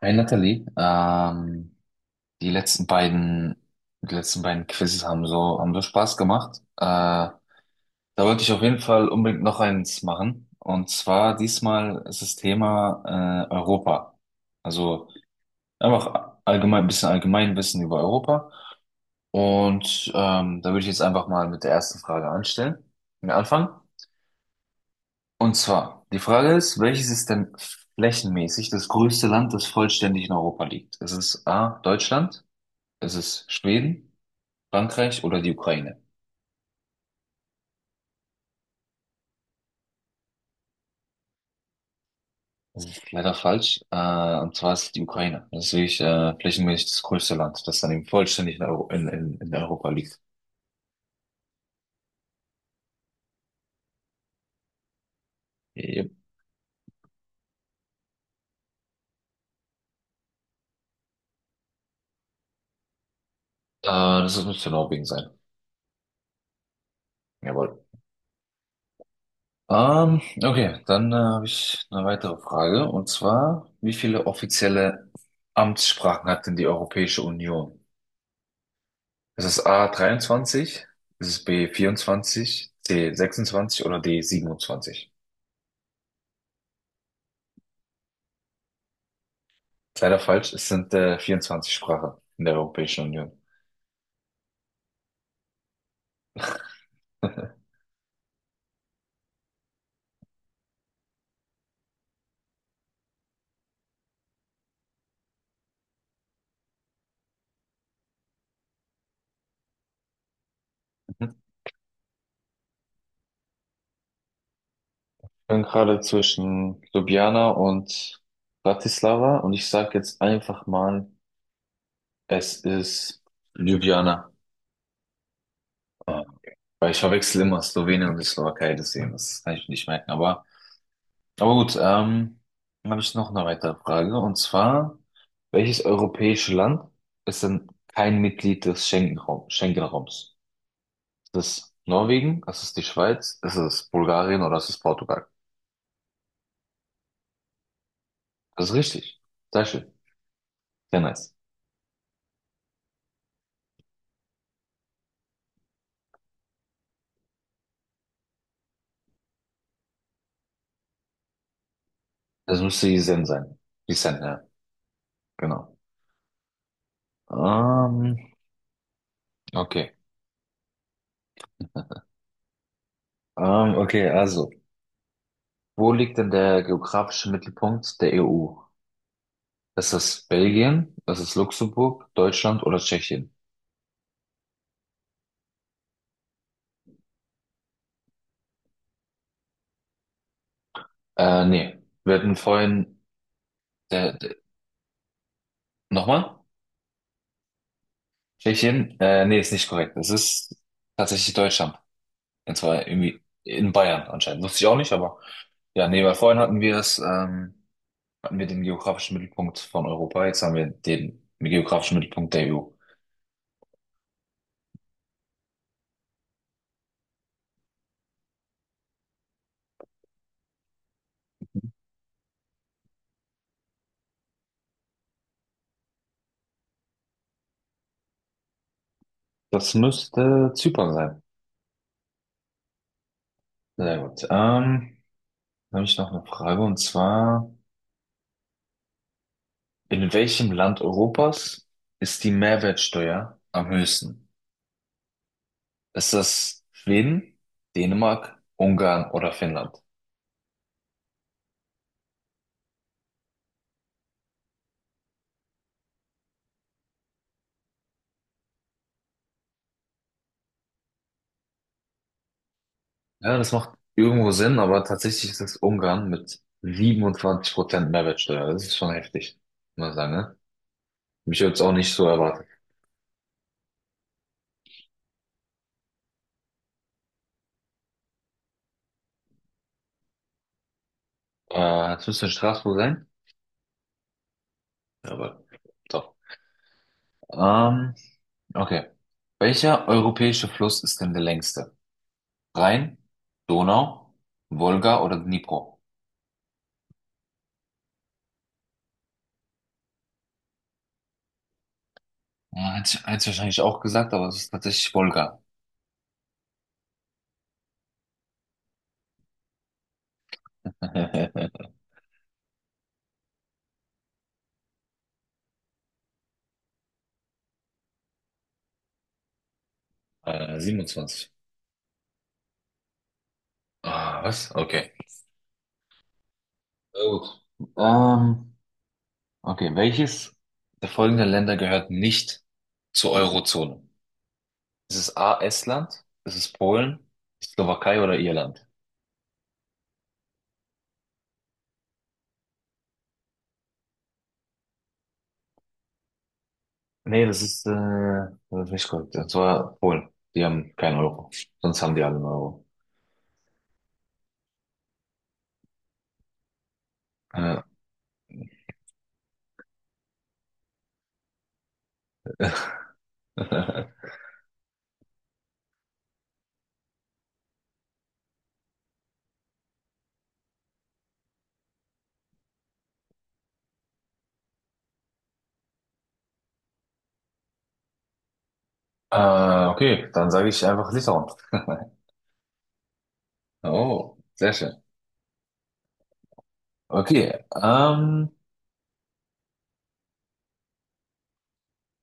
Hey Nathalie, die letzten beiden, die letzten beiden Quizzes haben so Spaß gemacht. Da wollte ich auf jeden Fall unbedingt noch eins machen. Und zwar diesmal ist das Thema Europa. Also einfach allgemein, ein bisschen Allgemeinwissen über Europa. Und da würde ich jetzt einfach mal mit der ersten Frage anfangen. Und zwar, die Frage ist, welches ist denn flächenmäßig das größte Land, das vollständig in Europa liegt? Ist es A, Deutschland? Es ist Schweden, Frankreich oder die Ukraine. Das ist leider falsch. Und zwar ist es die Ukraine. Das ist wirklich flächenmäßig das größte Land, das dann eben vollständig in Europa liegt. Yep. Äh, Das müsste Norwegen sein. Jawohl. Okay, dann habe ich eine weitere Frage. Und zwar, wie viele offizielle Amtssprachen hat denn die Europäische Union? Ist es A 23, ist es B 24, C 26 oder D 27? Leider falsch, es sind 24 Sprachen in der Europäischen Union. Ich bin gerade zwischen Ljubljana und Bratislava und ich sage jetzt einfach mal, es ist Ljubljana. Äh, Weil ich verwechsel immer Slowenien und die Slowakei, deswegen, das kann ich mir nicht merken. Aber gut, dann habe ich noch eine weitere Frage und zwar, welches europäische Land ist denn kein Mitglied des Schengen-Raums? Ist es Norwegen? Ist es die Schweiz? Ist es Bulgarien oder ist es Portugal? Das ist richtig. Sehr schön. Sehr nice. Das müsste die Sen sein. Die Sen, ja. Genau. Ähm, okay. Okay, also. Wo liegt denn der geografische Mittelpunkt der EU? Ist es Belgien? Ist es Luxemburg, Deutschland oder Tschechien? Nee. Wir hatten vorhin, äh, d- nochmal? Tschechien? Nee, ist nicht korrekt. Es ist tatsächlich Deutschland. Und zwar irgendwie in Bayern anscheinend. Wusste ich auch nicht, aber, ja, nee, weil vorhin hatten wir es, hatten wir den geografischen Mittelpunkt von Europa, jetzt haben wir den geografischen Mittelpunkt der EU. Das müsste Zypern sein. Sehr gut. Dann habe ich noch eine Frage und zwar, in welchem Land Europas ist die Mehrwertsteuer am höchsten? Ist das Schweden, Dänemark, Ungarn oder Finnland? Ja, das macht irgendwo Sinn, aber tatsächlich ist es Ungarn mit 27% Mehrwertsteuer. Das ist schon heftig, muss man sagen, ne? Mich jetzt auch nicht so erwartet. Jetzt müsste in Straßburg sein. Aber doch. Ähm, okay. Welcher europäische Fluss ist denn der längste? Rhein, Donau, Wolga oder Dnipro? Ja, hätte ich wahrscheinlich auch gesagt, aber es ist tatsächlich Wolga. 27. Ah, was? Okay. Na gut. Ähm, okay, welches der folgenden Länder gehört nicht zur Eurozone? Ist es A, Estland? Ist es Polen? Slowakei oder Irland? Nee, das ist nicht korrekt. Das war Polen. Die haben keinen Euro. Sonst haben die alle einen Euro. Ja. Okay, dann sage ich einfach Litauen. Oh, sehr schön. Okay, ähm,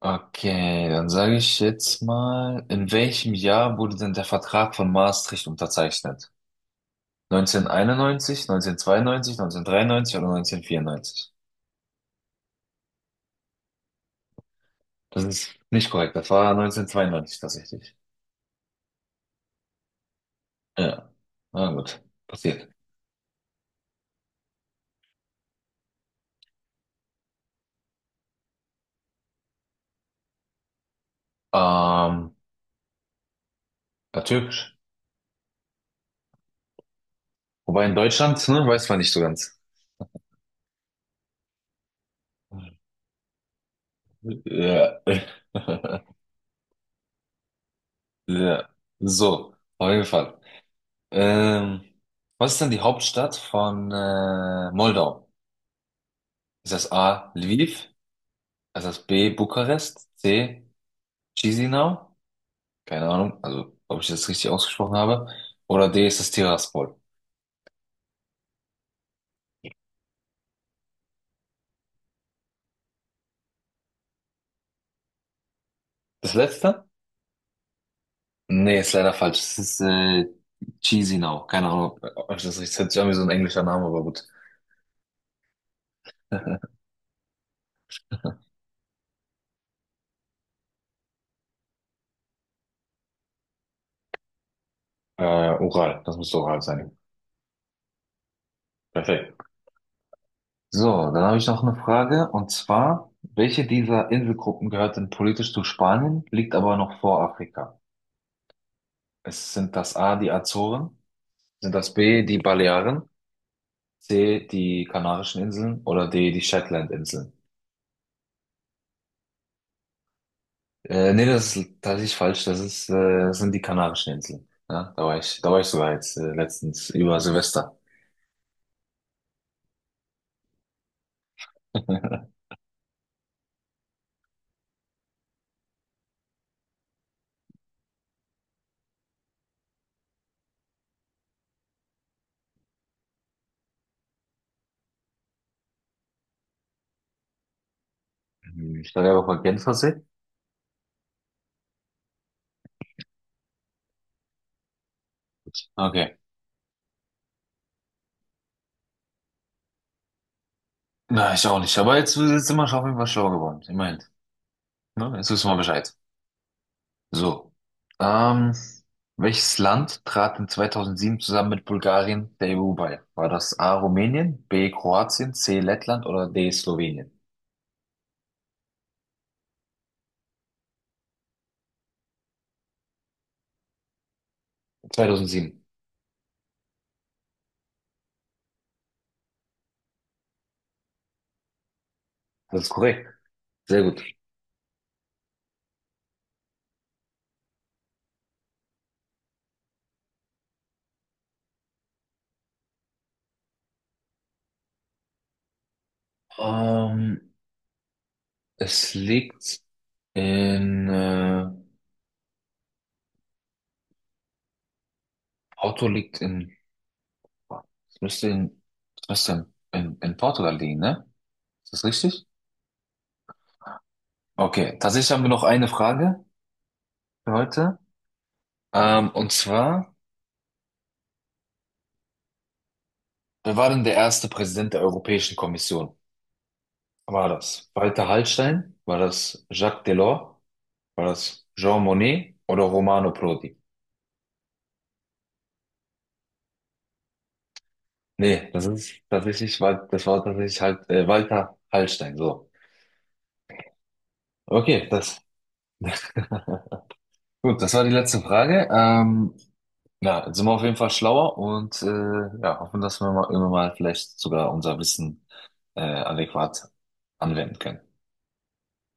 okay, dann sage ich jetzt mal, in welchem Jahr wurde denn der Vertrag von Maastricht unterzeichnet? 1991, 1992, 1993 oder 1994? Das ist nicht korrekt, das war 1992 tatsächlich. Ja, na gut, passiert. Ähm, Ja, türkisch. Wobei in Deutschland, ne, weiß man nicht so ganz. Ja. Ja. So, auf jeden Fall. Ähm, Was ist denn die Hauptstadt von Moldau? Ist das A. Lviv? Ist das B. Bukarest? C. Chisinau? Keine Ahnung, also ob ich das richtig ausgesprochen habe. Oder D. Ist das Tiraspol? Das letzte? Nee, ist leider falsch. Es ist Chisinau. Keine Ahnung, ob ich das richtig. Das hört sich an wie so ein englischer Name, aber gut. Ural, das muss Ural sein. Perfekt. So, dann habe ich noch eine Frage und zwar, welche dieser Inselgruppen gehört denn politisch zu Spanien, liegt aber noch vor Afrika? Es sind das A, die Azoren, sind das B, die Balearen, C, die Kanarischen Inseln oder D, die Shetlandinseln? Nee, das ist tatsächlich falsch, das sind die Kanarischen Inseln. Ja, da war ich sogar jetzt letztens über Silvester. Hm, ich war ja auch mal Genfersee. Okay. Na, ich auch nicht. Aber jetzt sind wir schon auf jeden Fall schlau geworden. Immerhin. Ne? Jetzt wissen wir Bescheid. So, ähm, welches Land trat in 2007 zusammen mit Bulgarien der EU bei? War das A. Rumänien, B. Kroatien, C. Lettland oder D. Slowenien? 2007. Das ist korrekt. Sehr gut. Ähm, es liegt in, Porto liegt in, es müsste in, es müsste in, Portugal liegen, ne? Ist das richtig? Okay, tatsächlich haben wir noch eine Frage für heute. Und zwar, wer war denn der erste Präsident der Europäischen Kommission? War das Walter Hallstein? War das Jacques Delors? War das Jean Monnet oder Romano Prodi? Nee, das war tatsächlich halt Walter Hallstein. So. Okay, das gut, das war die letzte Frage. Ja, jetzt sind wir auf jeden Fall schlauer und ja, hoffen, dass wir immer mal vielleicht sogar unser Wissen adäquat anwenden können.